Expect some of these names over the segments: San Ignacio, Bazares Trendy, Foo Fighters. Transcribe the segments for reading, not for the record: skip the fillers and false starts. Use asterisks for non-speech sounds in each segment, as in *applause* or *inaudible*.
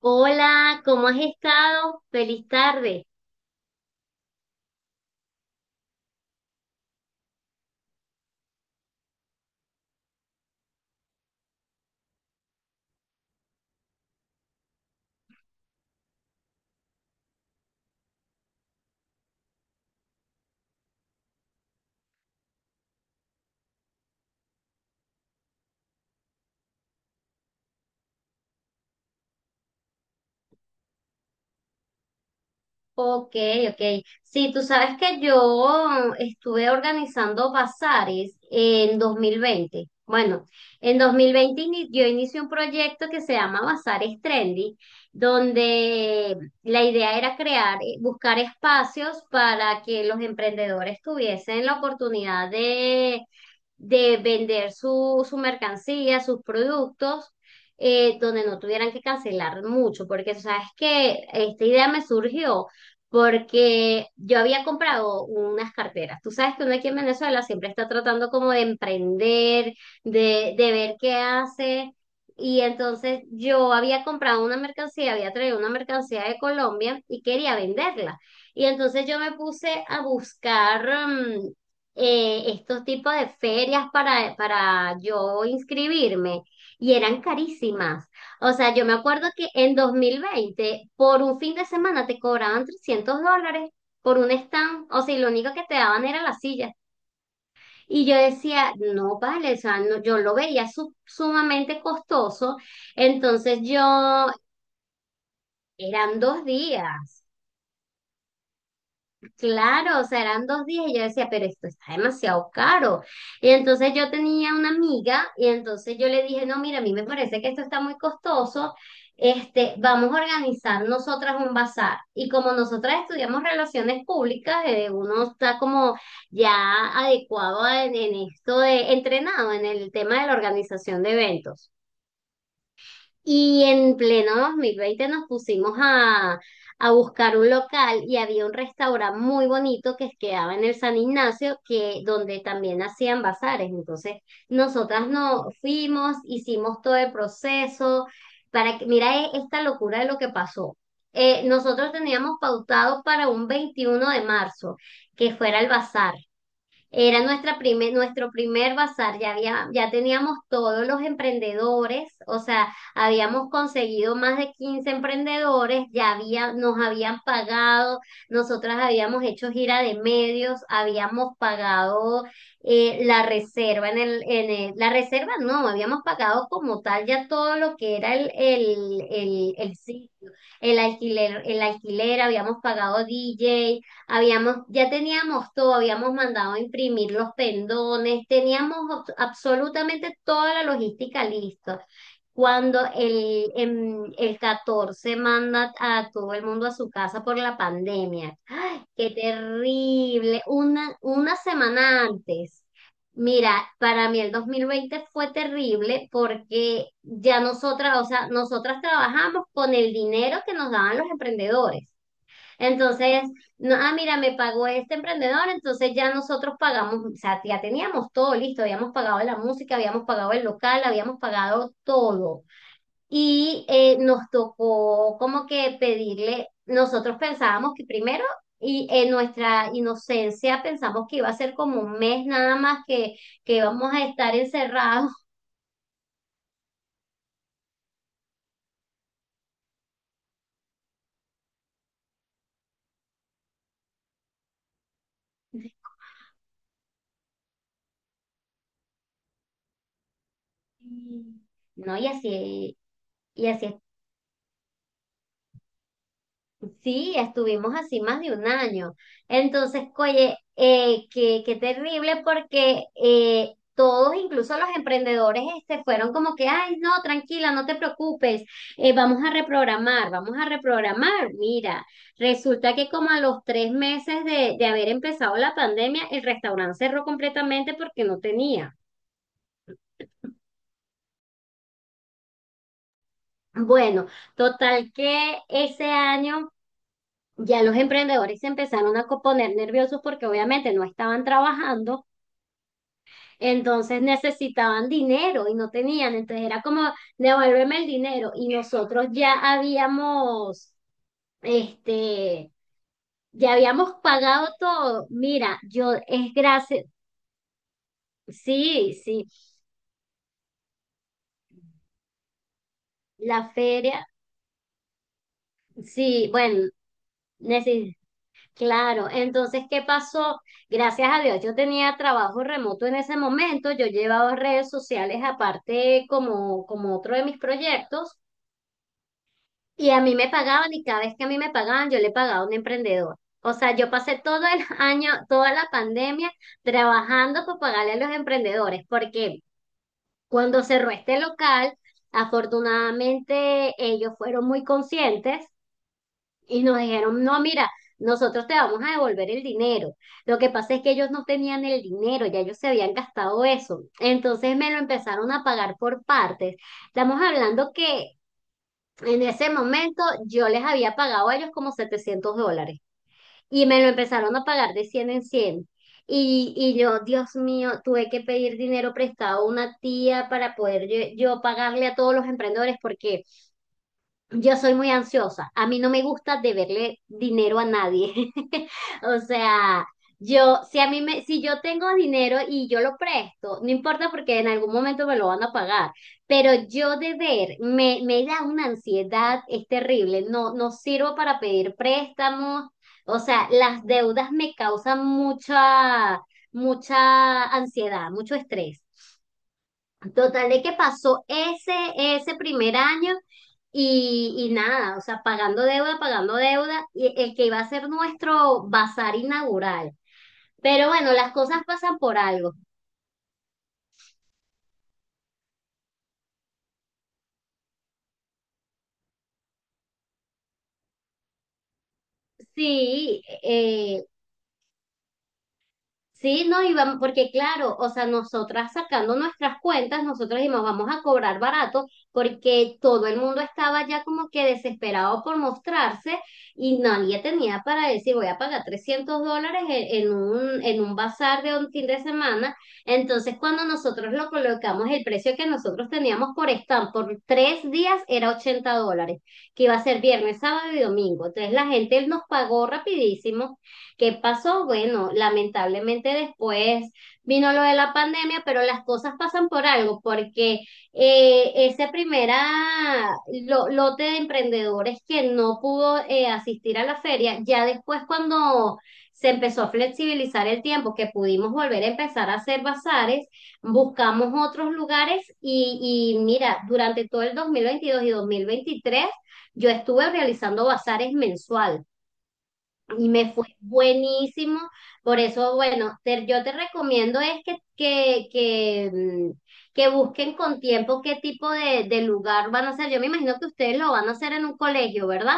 Hola, ¿cómo has estado? Feliz tarde. Ok, ok. Sí, tú sabes que yo estuve organizando bazares en 2020. Bueno, en 2020 yo inicié un proyecto que se llama Bazares Trendy, donde la idea era crear, buscar espacios para que los emprendedores tuviesen la oportunidad de vender su mercancía, sus productos, donde no tuvieran que cancelar mucho, porque sabes que esta idea me surgió porque yo había comprado unas carteras. Tú sabes que uno aquí en Venezuela siempre está tratando como de emprender, de ver qué hace. Y entonces yo había comprado una mercancía, había traído una mercancía de Colombia y quería venderla. Y entonces yo me puse a buscar, estos tipos de ferias para yo inscribirme y eran carísimas. O sea, yo me acuerdo que en 2020 por un fin de semana te cobraban $300 por un stand, o sea, y lo único que te daban era la silla. Y yo decía, no vale, o sea, yo lo veía sumamente costoso, entonces yo, eran dos días. Claro, o sea, eran dos días y yo decía, pero esto está demasiado caro. Y entonces yo tenía una amiga y entonces yo le dije, no, mira, a mí me parece que esto está muy costoso, este, vamos a organizar nosotras un bazar. Y como nosotras estudiamos relaciones públicas, uno está como ya adecuado en esto de entrenado en el tema de la organización de eventos. Y en pleno 2020 nos pusimos a buscar un local y había un restaurante muy bonito que quedaba en el San Ignacio, donde también hacían bazares. Entonces, nosotras no fuimos, hicimos todo el proceso para que, mira esta locura de lo que pasó. Nosotros teníamos pautado para un 21 de marzo que fuera el bazar. Era nuestro primer bazar, ya teníamos todos los emprendedores, o sea, habíamos conseguido más de 15 emprendedores, nos habían pagado, nosotras habíamos hecho gira de medios, habíamos pagado la reserva la reserva no, habíamos pagado como tal ya todo lo que era el sitio, el alquiler, habíamos pagado DJ. Ya teníamos todo, habíamos mandado a imprimir los pendones, teníamos absolutamente toda la logística lista. Cuando el 14 manda a todo el mundo a su casa por la pandemia. ¡Ay, qué terrible! Una semana antes. Mira, para mí el 2020 fue terrible porque ya nosotras, o sea, nosotras trabajamos con el dinero que nos daban los emprendedores. Entonces, no, ah, mira, me pagó este emprendedor, entonces ya nosotros pagamos, o sea, ya teníamos todo listo, habíamos pagado la música, habíamos pagado el local, habíamos pagado todo. Y nos tocó como que pedirle, nosotros pensábamos que primero, y en nuestra inocencia pensamos que iba a ser como un mes nada más que, íbamos a estar encerrados. *laughs* No, y así, y así. Sí, estuvimos así más de un año. Entonces, oye, qué terrible porque todos, incluso los emprendedores, este, fueron como que, ay, no, tranquila, no te preocupes, vamos a reprogramar, vamos a reprogramar. Mira, resulta que como a los 3 meses de haber empezado la pandemia, el restaurante cerró completamente porque no tenía. Bueno, total que ese año ya los emprendedores se empezaron a poner nerviosos porque obviamente no estaban trabajando, entonces necesitaban dinero y no tenían, entonces era como, devuélveme el dinero y nosotros ya habíamos, este, ya habíamos pagado todo. Mira, yo es gracias, sí, sí, la feria, sí, bueno, claro, entonces, ¿qué pasó? Gracias a Dios, yo tenía trabajo remoto en ese momento, yo llevaba redes sociales aparte como otro de mis proyectos y a mí me pagaban y cada vez que a mí me pagaban, yo le pagaba a un emprendedor. O sea, yo pasé todo el *laughs* año, toda la pandemia trabajando para pagarle a los emprendedores, porque cuando cerró este local, afortunadamente ellos fueron muy conscientes y nos dijeron, no, mira, nosotros te vamos a devolver el dinero. Lo que pasa es que ellos no tenían el dinero, ya ellos se habían gastado eso. Entonces me lo empezaron a pagar por partes. Estamos hablando que en ese momento yo les había pagado a ellos como $700 y me lo empezaron a pagar de 100 en 100. Y yo, Dios mío, tuve que pedir dinero prestado a una tía para poder yo pagarle a todos los emprendedores porque yo soy muy ansiosa. A mí no me gusta deberle dinero a nadie. *laughs* O sea, yo, si a mí me, si yo tengo dinero y yo lo presto, no importa porque en algún momento me lo van a pagar. Pero yo deber me da una ansiedad, es terrible. No, no sirvo para pedir préstamos. O sea, las deudas me causan mucha, mucha ansiedad, mucho estrés. Total de que pasó ese primer año y nada, o sea, pagando deuda, y el que iba a ser nuestro bazar inaugural. Pero bueno, las cosas pasan por algo. Sí, sí, no, y porque claro, o sea, nosotras sacando nuestras cuentas, nosotros dijimos, vamos a cobrar barato, porque todo el mundo estaba ya como que desesperado por mostrarse y nadie tenía para decir, voy a pagar $300 en un bazar de un fin de semana. Entonces, cuando nosotros lo colocamos, el precio que nosotros teníamos por stand por 3 días era $80, que iba a ser viernes, sábado y domingo. Entonces, la gente nos pagó rapidísimo. ¿Qué pasó? Bueno, lamentablemente después vino lo de la pandemia, pero las cosas pasan por algo, porque ese primer lote de emprendedores que no pudo asistir a la feria, ya después cuando se empezó a flexibilizar el tiempo, que pudimos volver a empezar a hacer bazares, buscamos otros lugares y mira, durante todo el 2022 y 2023, yo estuve realizando bazares mensuales y me fue buenísimo. Por eso, bueno, yo te recomiendo es que busquen con tiempo qué tipo de lugar van a hacer. Yo me imagino que ustedes lo van a hacer en un colegio, ¿verdad?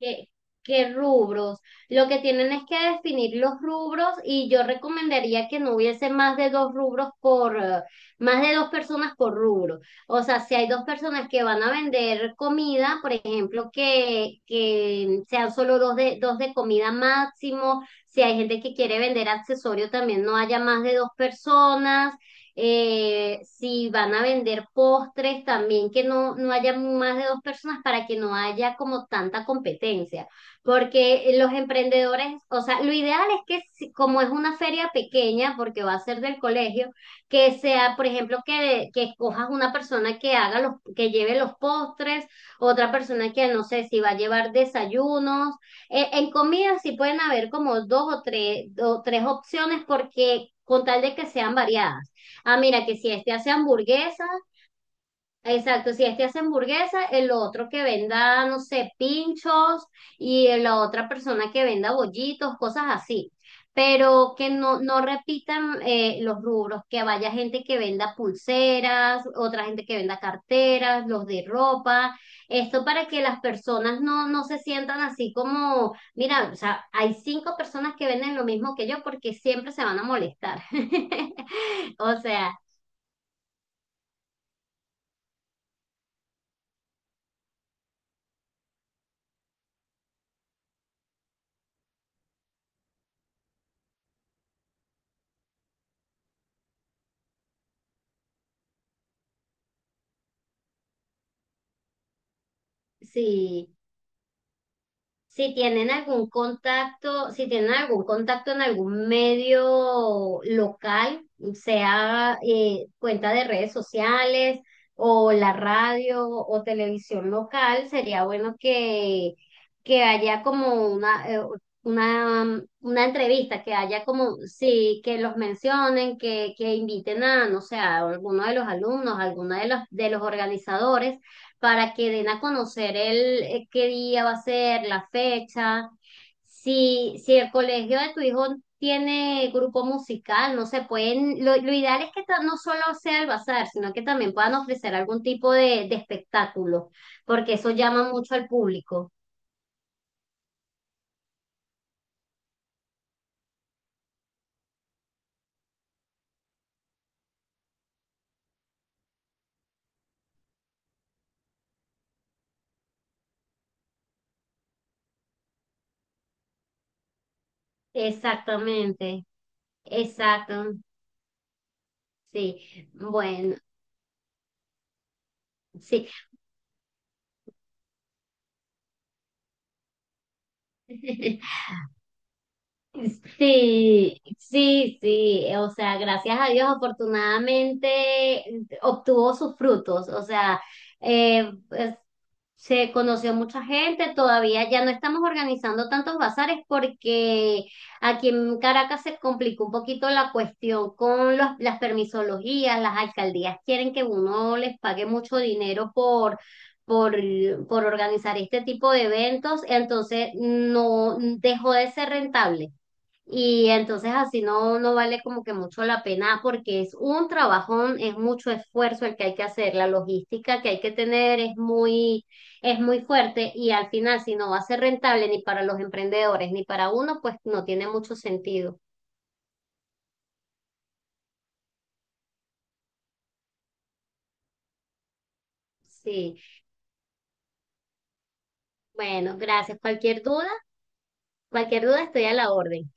¿Qué, qué rubros? Lo que tienen es que definir los rubros y yo recomendaría que no hubiese más de dos rubros por, más de dos personas por rubro. O sea, si hay dos personas que van a vender comida, por ejemplo, que sean solo dos de comida máximo. Si hay gente que quiere vender accesorios, también no haya más de dos personas si van a vender postres también, que no haya más de dos personas para que no haya como tanta competencia, porque los emprendedores, o sea, lo ideal es que como es una feria pequeña, porque va a ser del colegio, que sea, por ejemplo, que escojas una persona que lleve los postres, otra persona que no sé si va a llevar desayunos. En comida sí pueden haber como dos o tres opciones porque con tal de que sean variadas. Ah, mira, que si este hace hamburguesa, exacto, si este hace hamburguesa, el otro que venda, no sé, pinchos y la otra persona que venda bollitos, cosas así. Pero que no repitan los rubros, que vaya gente que venda pulseras, otra gente que venda carteras, los de ropa. Esto para que las personas no se sientan así como, mira, o sea, hay cinco personas que venden lo mismo que yo porque siempre se van a molestar. *laughs* O sea, si, si tienen algún contacto en algún medio local, sea cuenta de redes sociales o la radio o televisión local, sería bueno que, haya como una entrevista, que haya como, sí, que los mencionen, que inviten a, no sé, a alguno de los alumnos, a alguno de los organizadores para que den a conocer el qué día va a ser, la fecha. Si el colegio de tu hijo tiene grupo musical, no sé, lo ideal es que no solo sea el bazar, sino que también puedan ofrecer algún tipo de espectáculo, porque eso llama mucho al público. Exactamente, exacto, sí. Bueno, sí. *laughs* Sí, sí, sí, o sea, gracias a Dios, afortunadamente obtuvo sus frutos, o sea, pues, se conoció mucha gente, todavía ya no estamos organizando tantos bazares porque aquí en Caracas se complicó un poquito la cuestión con las permisologías, las alcaldías quieren que uno les pague mucho dinero Por, por organizar este tipo de eventos, entonces no dejó de ser rentable. Y entonces así no vale como que mucho la pena porque es un trabajón, es mucho esfuerzo el que hay que hacer, la logística que hay que tener es muy, fuerte y al final si no va a ser rentable ni para los emprendedores ni para uno, pues no tiene mucho sentido. Sí, bueno, gracias. Cualquier duda, estoy a la orden.